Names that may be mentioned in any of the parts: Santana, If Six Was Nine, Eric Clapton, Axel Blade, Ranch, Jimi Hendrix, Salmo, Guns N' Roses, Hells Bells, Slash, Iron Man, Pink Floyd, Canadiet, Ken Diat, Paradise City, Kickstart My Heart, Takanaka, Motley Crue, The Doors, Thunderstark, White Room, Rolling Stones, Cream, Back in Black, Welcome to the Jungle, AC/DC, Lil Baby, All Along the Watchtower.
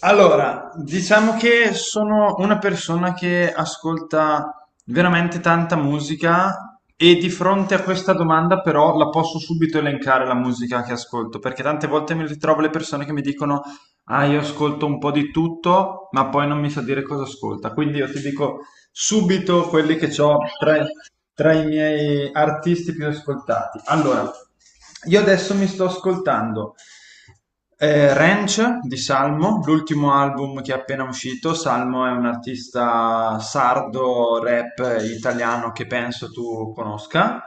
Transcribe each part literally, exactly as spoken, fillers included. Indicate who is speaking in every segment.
Speaker 1: Allora, diciamo che sono una persona che ascolta veramente tanta musica e di fronte a questa domanda però la posso subito elencare la musica che ascolto, perché tante volte mi ritrovo le persone che mi dicono, ah, io ascolto un po' di tutto, ma poi non mi sa dire cosa ascolta. Quindi io ti dico subito quelli che ho tra, tra i miei artisti più ascoltati. Allora, io adesso mi sto ascoltando eh, Ranch di Salmo, l'ultimo album che è appena uscito. Salmo è un artista sardo, rap eh, italiano che penso tu conosca.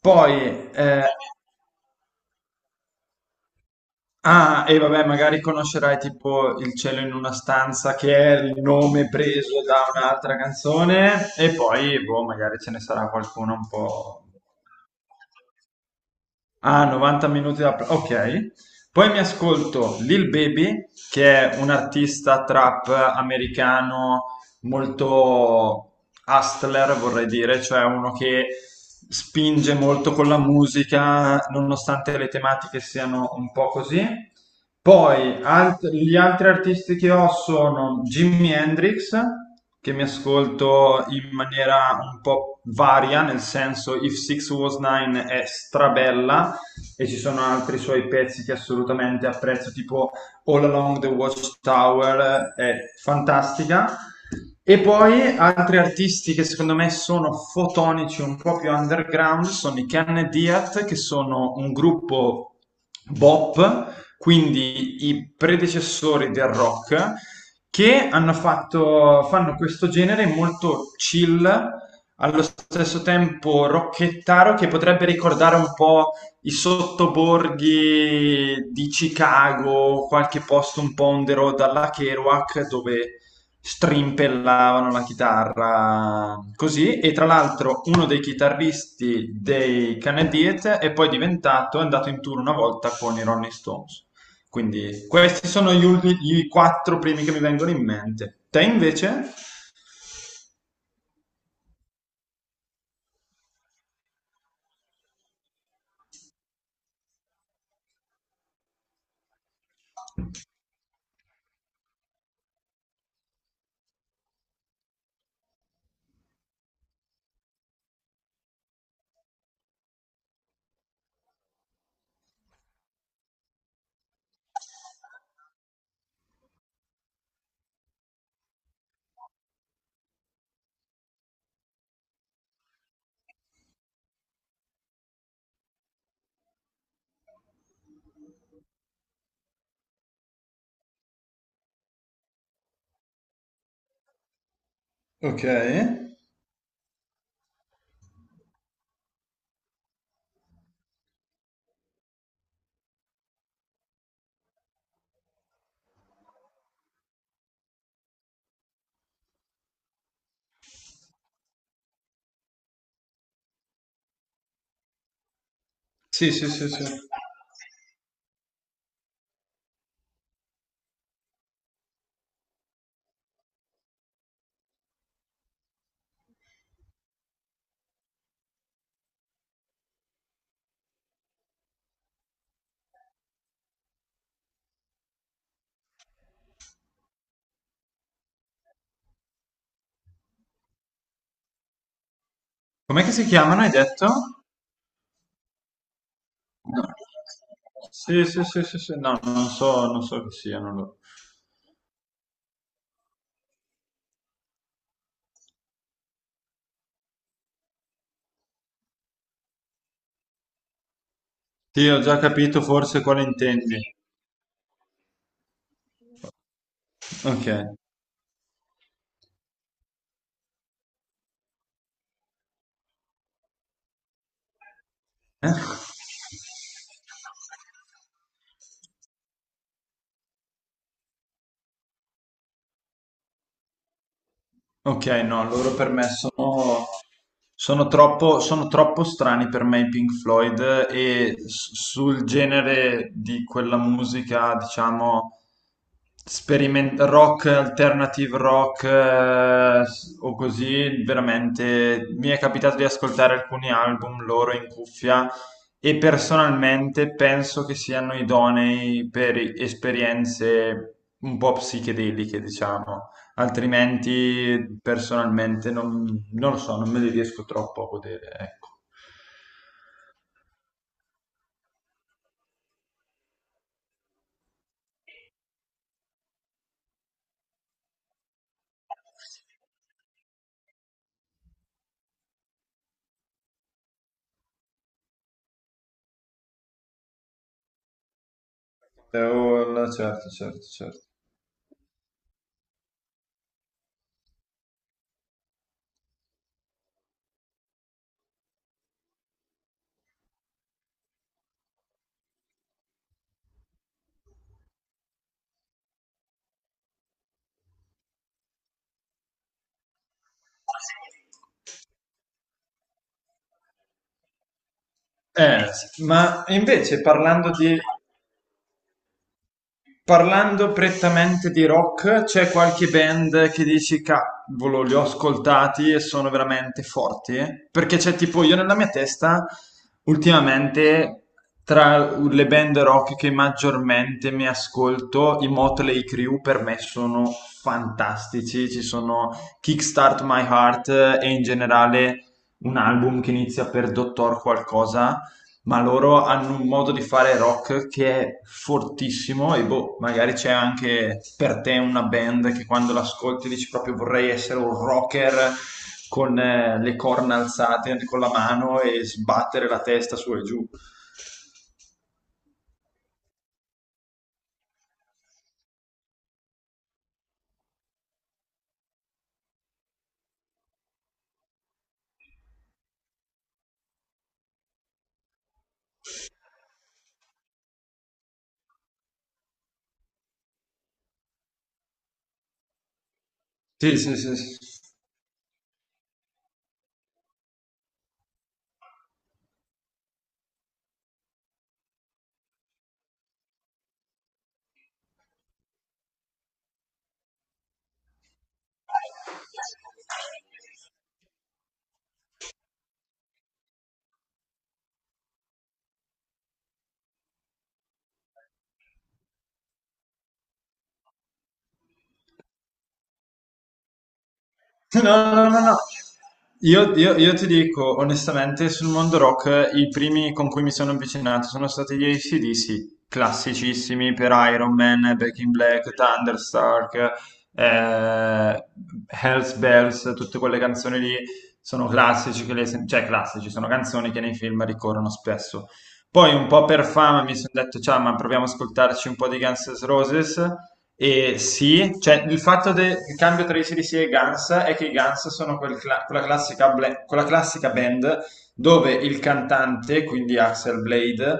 Speaker 1: Poi, eh, ah, e vabbè, magari conoscerai tipo Il cielo in una stanza, che è il nome preso da un'altra canzone, e poi, boh, magari ce ne sarà qualcuno un po'. Ah, novanta minuti da... Ok. Poi mi ascolto Lil Baby, che è un artista trap americano molto hustler, vorrei dire, cioè uno che spinge molto con la musica, nonostante le tematiche siano un po' così. Poi alt- gli altri artisti che ho sono Jimi Hendrix, che mi ascolto in maniera un po' varia, nel senso If Six Was Nine è strabella, e ci sono altri suoi pezzi che assolutamente apprezzo, tipo All Along the Watchtower, è fantastica. E poi altri artisti che secondo me sono fotonici, un po' più underground, sono i Ken Diat, che sono un gruppo bop, quindi i predecessori del rock, che hanno fatto, fanno questo genere molto chill, allo stesso tempo rocchettaro, che potrebbe ricordare un po' i sottoborghi di Chicago, qualche posto un po' on the road alla Kerouac dove strimpellavano la chitarra così e tra l'altro uno dei chitarristi dei Canadiet è poi diventato, è andato in tour una volta con i Rolling Stones. Quindi questi sono gli, ultimi, i quattro primi che mi vengono in mente. Te invece? Ok. Sì, sì, sì, sì. Com'è che si chiamano, hai detto? No. Sì, sì, sì, sì, sì, no, non so, non so chi siano loro. Sì, ho già capito forse quale intendi. Ok. Eh? Ok, no, loro per me sono, sono troppo, sono troppo strani per me i Pink Floyd e s- sul genere di quella musica, diciamo, speriment- rock, alternative rock eh, s- o così, veramente mi è capitato di ascoltare alcuni album loro in cuffia e personalmente penso che siano idonei per esperienze un po' psichedeliche, diciamo. Altrimenti, personalmente, non, non lo so, non me li riesco troppo a godere, ecco. Eh, oh, no, certo, certo, certo. Eh, ma invece parlando di Parlando prettamente di rock, c'è qualche band che dici cavolo, li ho ascoltati e sono veramente forti? Eh? Perché c'è tipo io nella mia testa, ultimamente, tra le band rock che maggiormente mi ascolto, i Motley Crue per me sono fantastici. Ci sono Kickstart My Heart eh, e in generale un album che inizia per Dottor qualcosa, ma loro hanno un modo di fare rock che è fortissimo e boh, magari c'è anche per te una band che quando l'ascolti dici proprio vorrei essere un rocker con eh, le corna alzate con la mano e sbattere la testa su e giù. Sì, sì, sì, sì. No, no, no, no. Io, io- io ti dico onestamente, sul mondo rock i primi con cui mi sono avvicinato sono stati gli A C/D C, classicissimi per Iron Man, Back in Black, Thunderstark, eh, Hells Bells, tutte quelle canzoni lì sono classici, che le sen- cioè classici, sono canzoni che nei film ricorrono spesso. Poi un po' per fama mi sono detto, ciao, ma proviamo ad ascoltarci un po' di Guns N' Roses e sì, cioè il fatto del cambio tra i C D C e i Guns è che i Guns sono quel cla- quella classica, bla- quella classica band dove il cantante, quindi Axel Blade,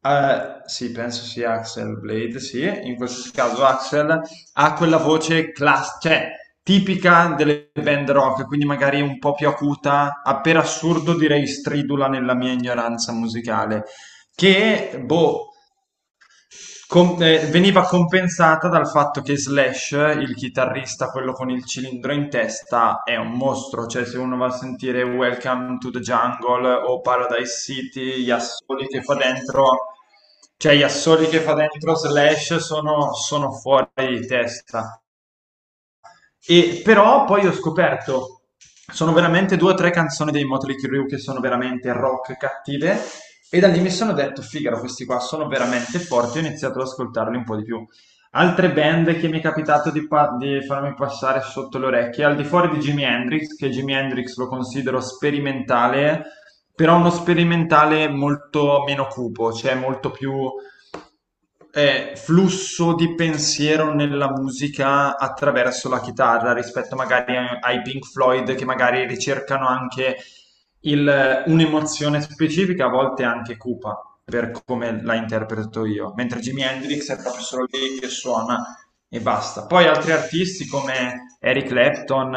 Speaker 1: eh, sì, penso sia Axel Blade, sì, in questo caso Axel ha quella voce class- cioè, tipica delle band rock, quindi magari un po' più acuta, a per assurdo direi stridula nella mia ignoranza musicale, che boh, com- eh, veniva compensata dal fatto che Slash, il chitarrista, quello con il cilindro in testa, è un mostro. Cioè, se uno va a sentire Welcome to the Jungle o Paradise City, gli assoli che fa dentro, cioè gli assoli che fa dentro Slash sono, sono fuori di testa. E però poi ho scoperto, sono veramente due o tre canzoni dei Motley Crue che sono veramente rock cattive e da lì mi sono detto, figaro, questi qua sono veramente forti, ho iniziato ad ascoltarli un po' di più. Altre band che mi è capitato di, pa- di farmi passare sotto le orecchie, al di fuori di Jimi Hendrix, che Jimi Hendrix lo considero sperimentale, però uno sperimentale molto meno cupo, cioè molto più eh, flusso di pensiero nella musica attraverso la chitarra rispetto magari a- ai Pink Floyd che magari ricercano anche il- un'emozione specifica, a volte anche cupa, per come la interpreto io, mentre Jimi Hendrix è proprio solo lì che suona e basta. Poi altri artisti come Eric Clapton,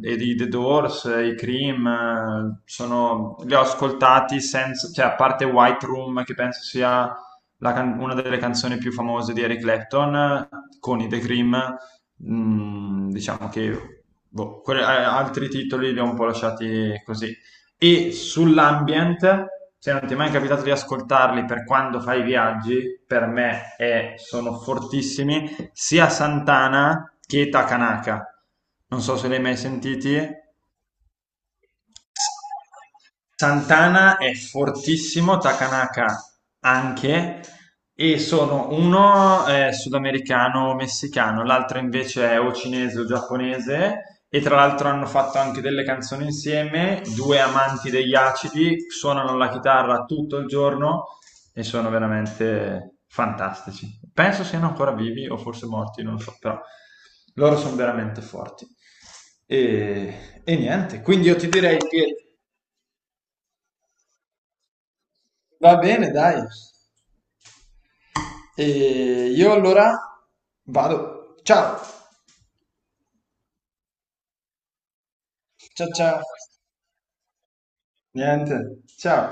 Speaker 1: eh, e i The Doors, eh, i Cream, eh, sono- li ho ascoltati senza, cioè a parte White Room che penso sia la can- una delle canzoni più famose di Eric Clapton con i The Cream, mh, diciamo che boh, que- eh, altri titoli li ho un po' lasciati così. E sull'ambient, se non ti è mai capitato di ascoltarli per quando fai i viaggi, per me è- sono fortissimi, sia Santana che Takanaka. Non so se li hai mai sentiti. Santana è fortissimo, Takanaka anche, e sono uno è sudamericano o messicano, l'altro invece è o cinese o giapponese, e tra l'altro hanno fatto anche delle canzoni insieme, due amanti degli acidi, suonano la chitarra tutto il giorno e sono veramente fantastici. Penso siano ancora vivi o forse morti, non so, però loro sono veramente forti. E, e niente, quindi io ti direi che va bene, dai. E io allora vado. Ciao. Ciao ciao. Niente. Ciao.